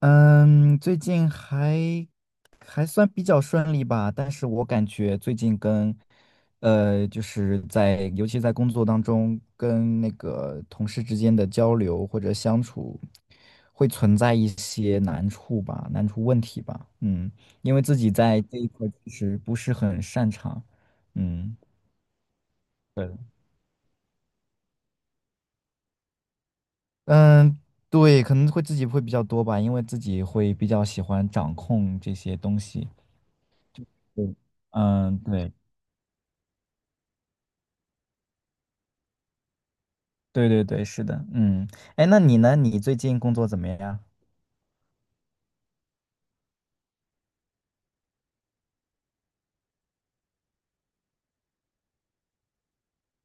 嗯，最近还算比较顺利吧，但是我感觉最近跟，就是在尤其在工作当中，跟那个同事之间的交流或者相处，会存在一些难处吧，难处问题吧，因为自己在这一块儿其实不是很擅长，嗯。对的嗯，对，可能会自己会比较多吧，因为自己会比较喜欢掌控这些东西。对，嗯，对。对对对，是的，嗯，哎，那你呢？你最近工作怎么样？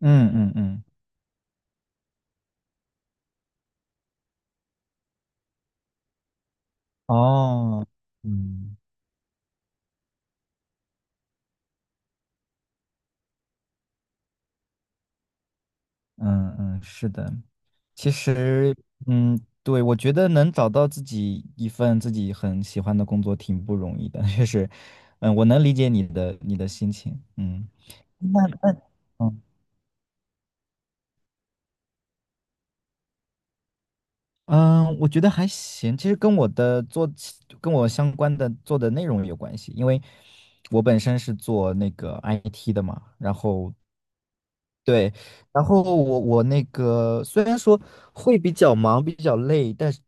嗯嗯嗯，哦，嗯嗯嗯，是的，其实，嗯，对，我觉得能找到自己一份自己很喜欢的工作挺不容易的，确实，嗯，我能理解你的心情，嗯，那那。嗯。嗯，我觉得还行。其实跟我的做起跟我相关的做的内容有关系，因为我本身是做那个 IT 的嘛，然后对，然后我那个虽然说会比较忙，比较累，但是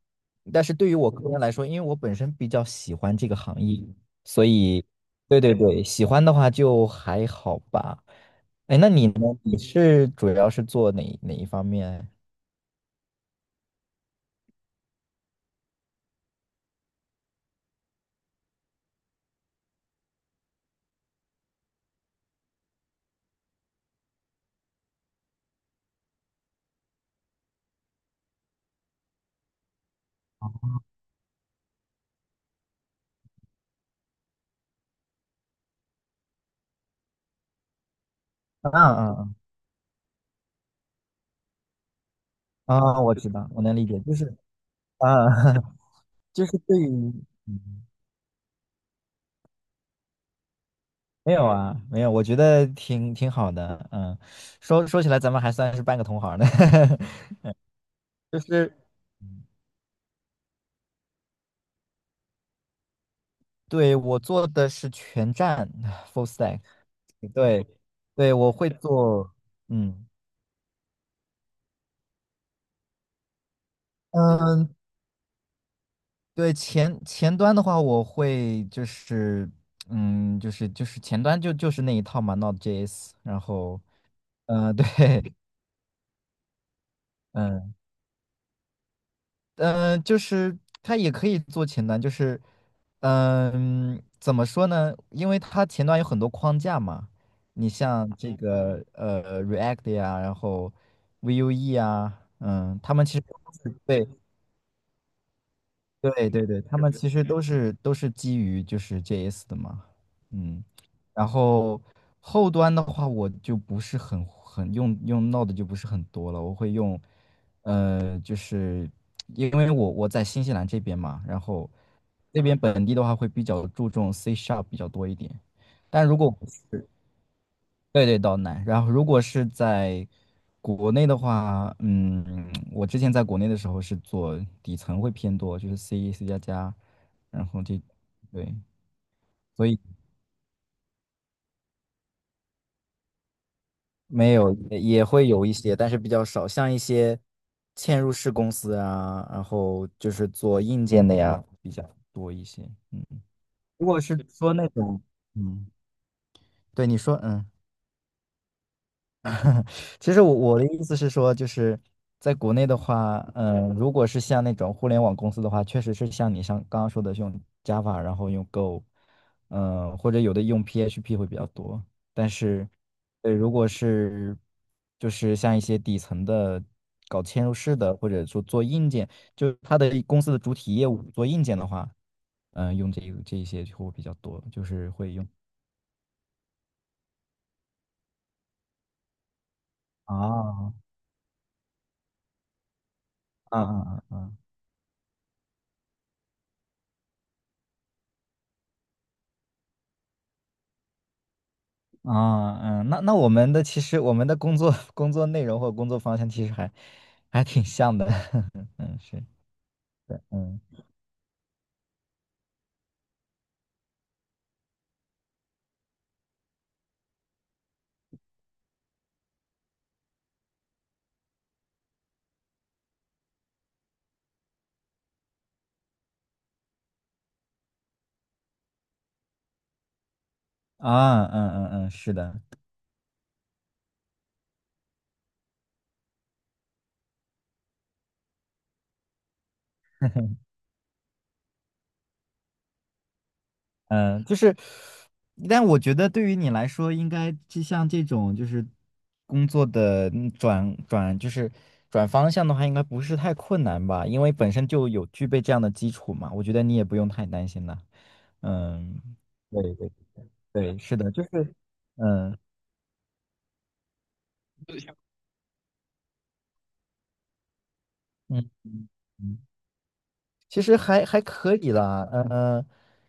对于我个人来说，因为我本身比较喜欢这个行业，所以对对对，喜欢的话就还好吧。哎，那你呢？你是主要是做哪一方面？啊啊啊！啊我知道，我能理解，就是啊，就是对于。嗯没有啊，没有，我觉得挺好的，嗯，说起来，咱们还算是半个同行呢。就是对我做的是全站 full stack，对对，我会做，嗯嗯，对前端的话，我会就是前端就是那一套嘛，Node.js，然后对 嗯就是它也可以做前端，就是，怎么说呢？因为它前端有很多框架嘛，你像这个React 呀，然后 Vue 啊，嗯，他们其实都是对对对对，他们其实都是基于就是 JS 的嘛，嗯，然后后端的话，我就不是很用 Node 就不是很多了，我会用，就是因为我在新西兰这边嘛，然后那边本地的话会比较注重 C Sharp 比较多一点，但如果对对，岛南。然后如果是在国内的话，嗯，我之前在国内的时候是做底层会偏多，就是 C、C 加加，然后这，对，所以没有也会有一些，但是比较少，像一些嵌入式公司啊，然后就是做硬件的呀比较多一些。嗯，如果是说那种，嗯，对你说，嗯。其实我的意思是说，就是在国内的话，如果是像那种互联网公司的话，确实是像你像刚刚说的是用 Java，然后用 Go，或者有的用 PHP 会比较多。但是，如果是就是像一些底层的搞嵌入式的，或者说做硬件，就是它的公司的主体业务做硬件的话，用这个这一些就会比较多，就是会用啊，嗯嗯嗯嗯。啊，嗯，那我们的其实我们的工作 工作内容或工作方向其实还挺像的，嗯，是，嗯，啊，嗯嗯嗯，是的，嗯，就是，但我觉得对于你来说，应该就像这种就是工作的转就是转方向的话，应该不是太困难吧？因为本身就有具备这样的基础嘛，我觉得你也不用太担心了，嗯，对对对，是的，就是，嗯嗯嗯。嗯其实还可以啦，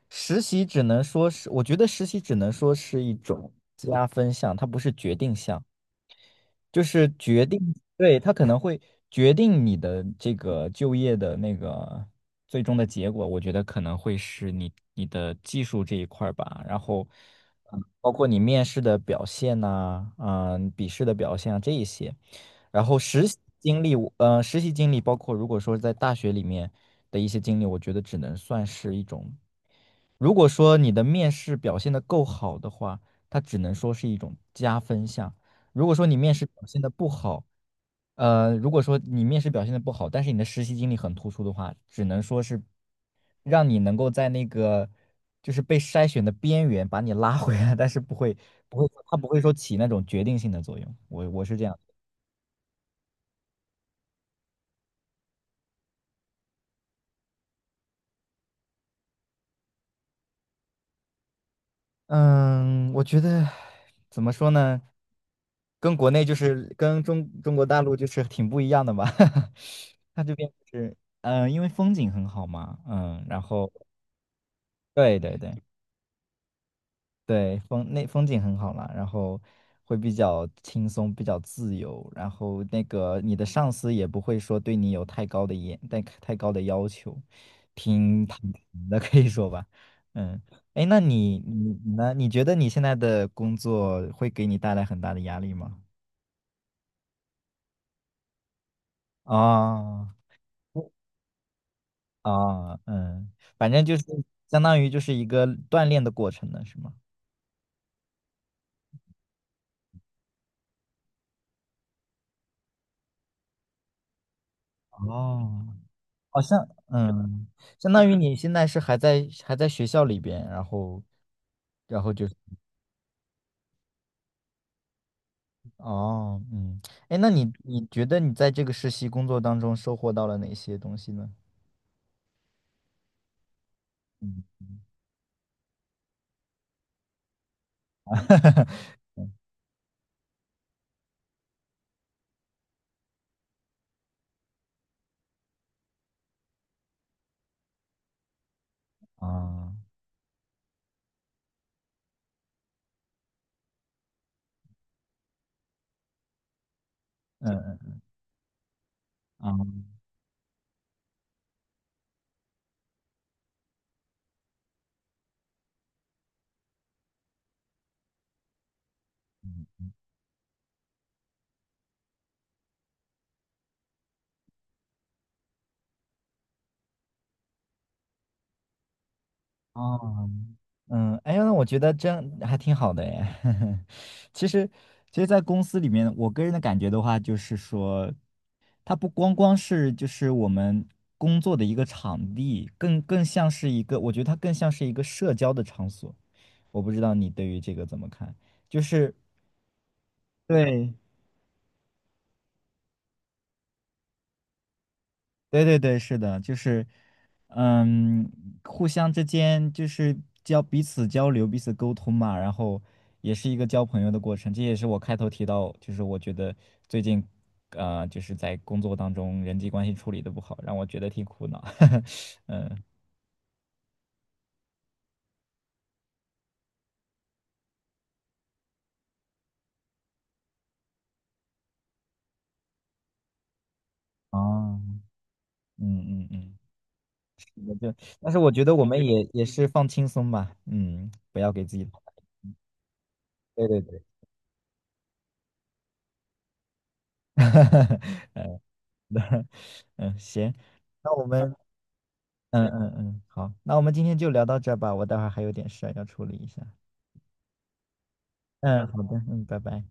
实习只能说是，我觉得实习只能说是一种加分项，它不是决定项。就是决定，对，他可能会决定你的这个就业的那个最终的结果，我觉得可能会是你的技术这一块儿吧，然后，嗯，包括你面试的表现呐、笔试的表现啊这一些，然后实习经历包括如果说在大学里面的一些经历，我觉得只能算是一种。如果说你的面试表现的够好的话，它只能说是一种加分项。如果说你面试表现的不好，呃，如果说你面试表现的不好，但是你的实习经历很突出的话，只能说是让你能够在那个就是被筛选的边缘把你拉回来，但是不会，它不会说起那种决定性的作用。我是这样。嗯，我觉得怎么说呢，跟国内就是跟中国大陆就是挺不一样的吧。它这边就是，因为风景很好嘛，嗯，然后对对对。对，风景很好啦，然后会比较轻松，比较自由，然后那个你的上司也不会说对你有太高的严、太高的要求，挺坦诚的可以说吧。嗯，哎，那你呢？你觉得你现在的工作会给你带来很大的压力吗？啊啊，嗯，反正就是相当于就是一个锻炼的过程呢，是吗？哦好像，相当于你现在是还在学校里边，然后就是哦，嗯，哎，那你觉得你在这个实习工作当中收获到了哪些东西呢？嗯啊，嗯嗯啊。哦，嗯，哎呀，那我觉得这样还挺好的哎。其实，其实，在公司里面，我个人的感觉的话，就是说，它不光是就是我们工作的一个场地，更像是一个，我觉得它更像是一个社交的场所。我不知道你对于这个怎么看？就是对对对对，是的，就是，嗯，互相之间就是彼此交流、彼此沟通嘛，然后也是一个交朋友的过程。这也是我开头提到，就是我觉得最近，就是在工作当中人际关系处理的不好，让我觉得挺苦恼。哦，嗯嗯嗯，那就，但是我觉得我们也是放轻松吧，嗯，不要给自己，对对对，那，嗯，行，那我们。嗯嗯嗯，好，那我们今天就聊到这儿吧，我待会儿还有点事儿要处理一下。嗯，好的，嗯，拜拜。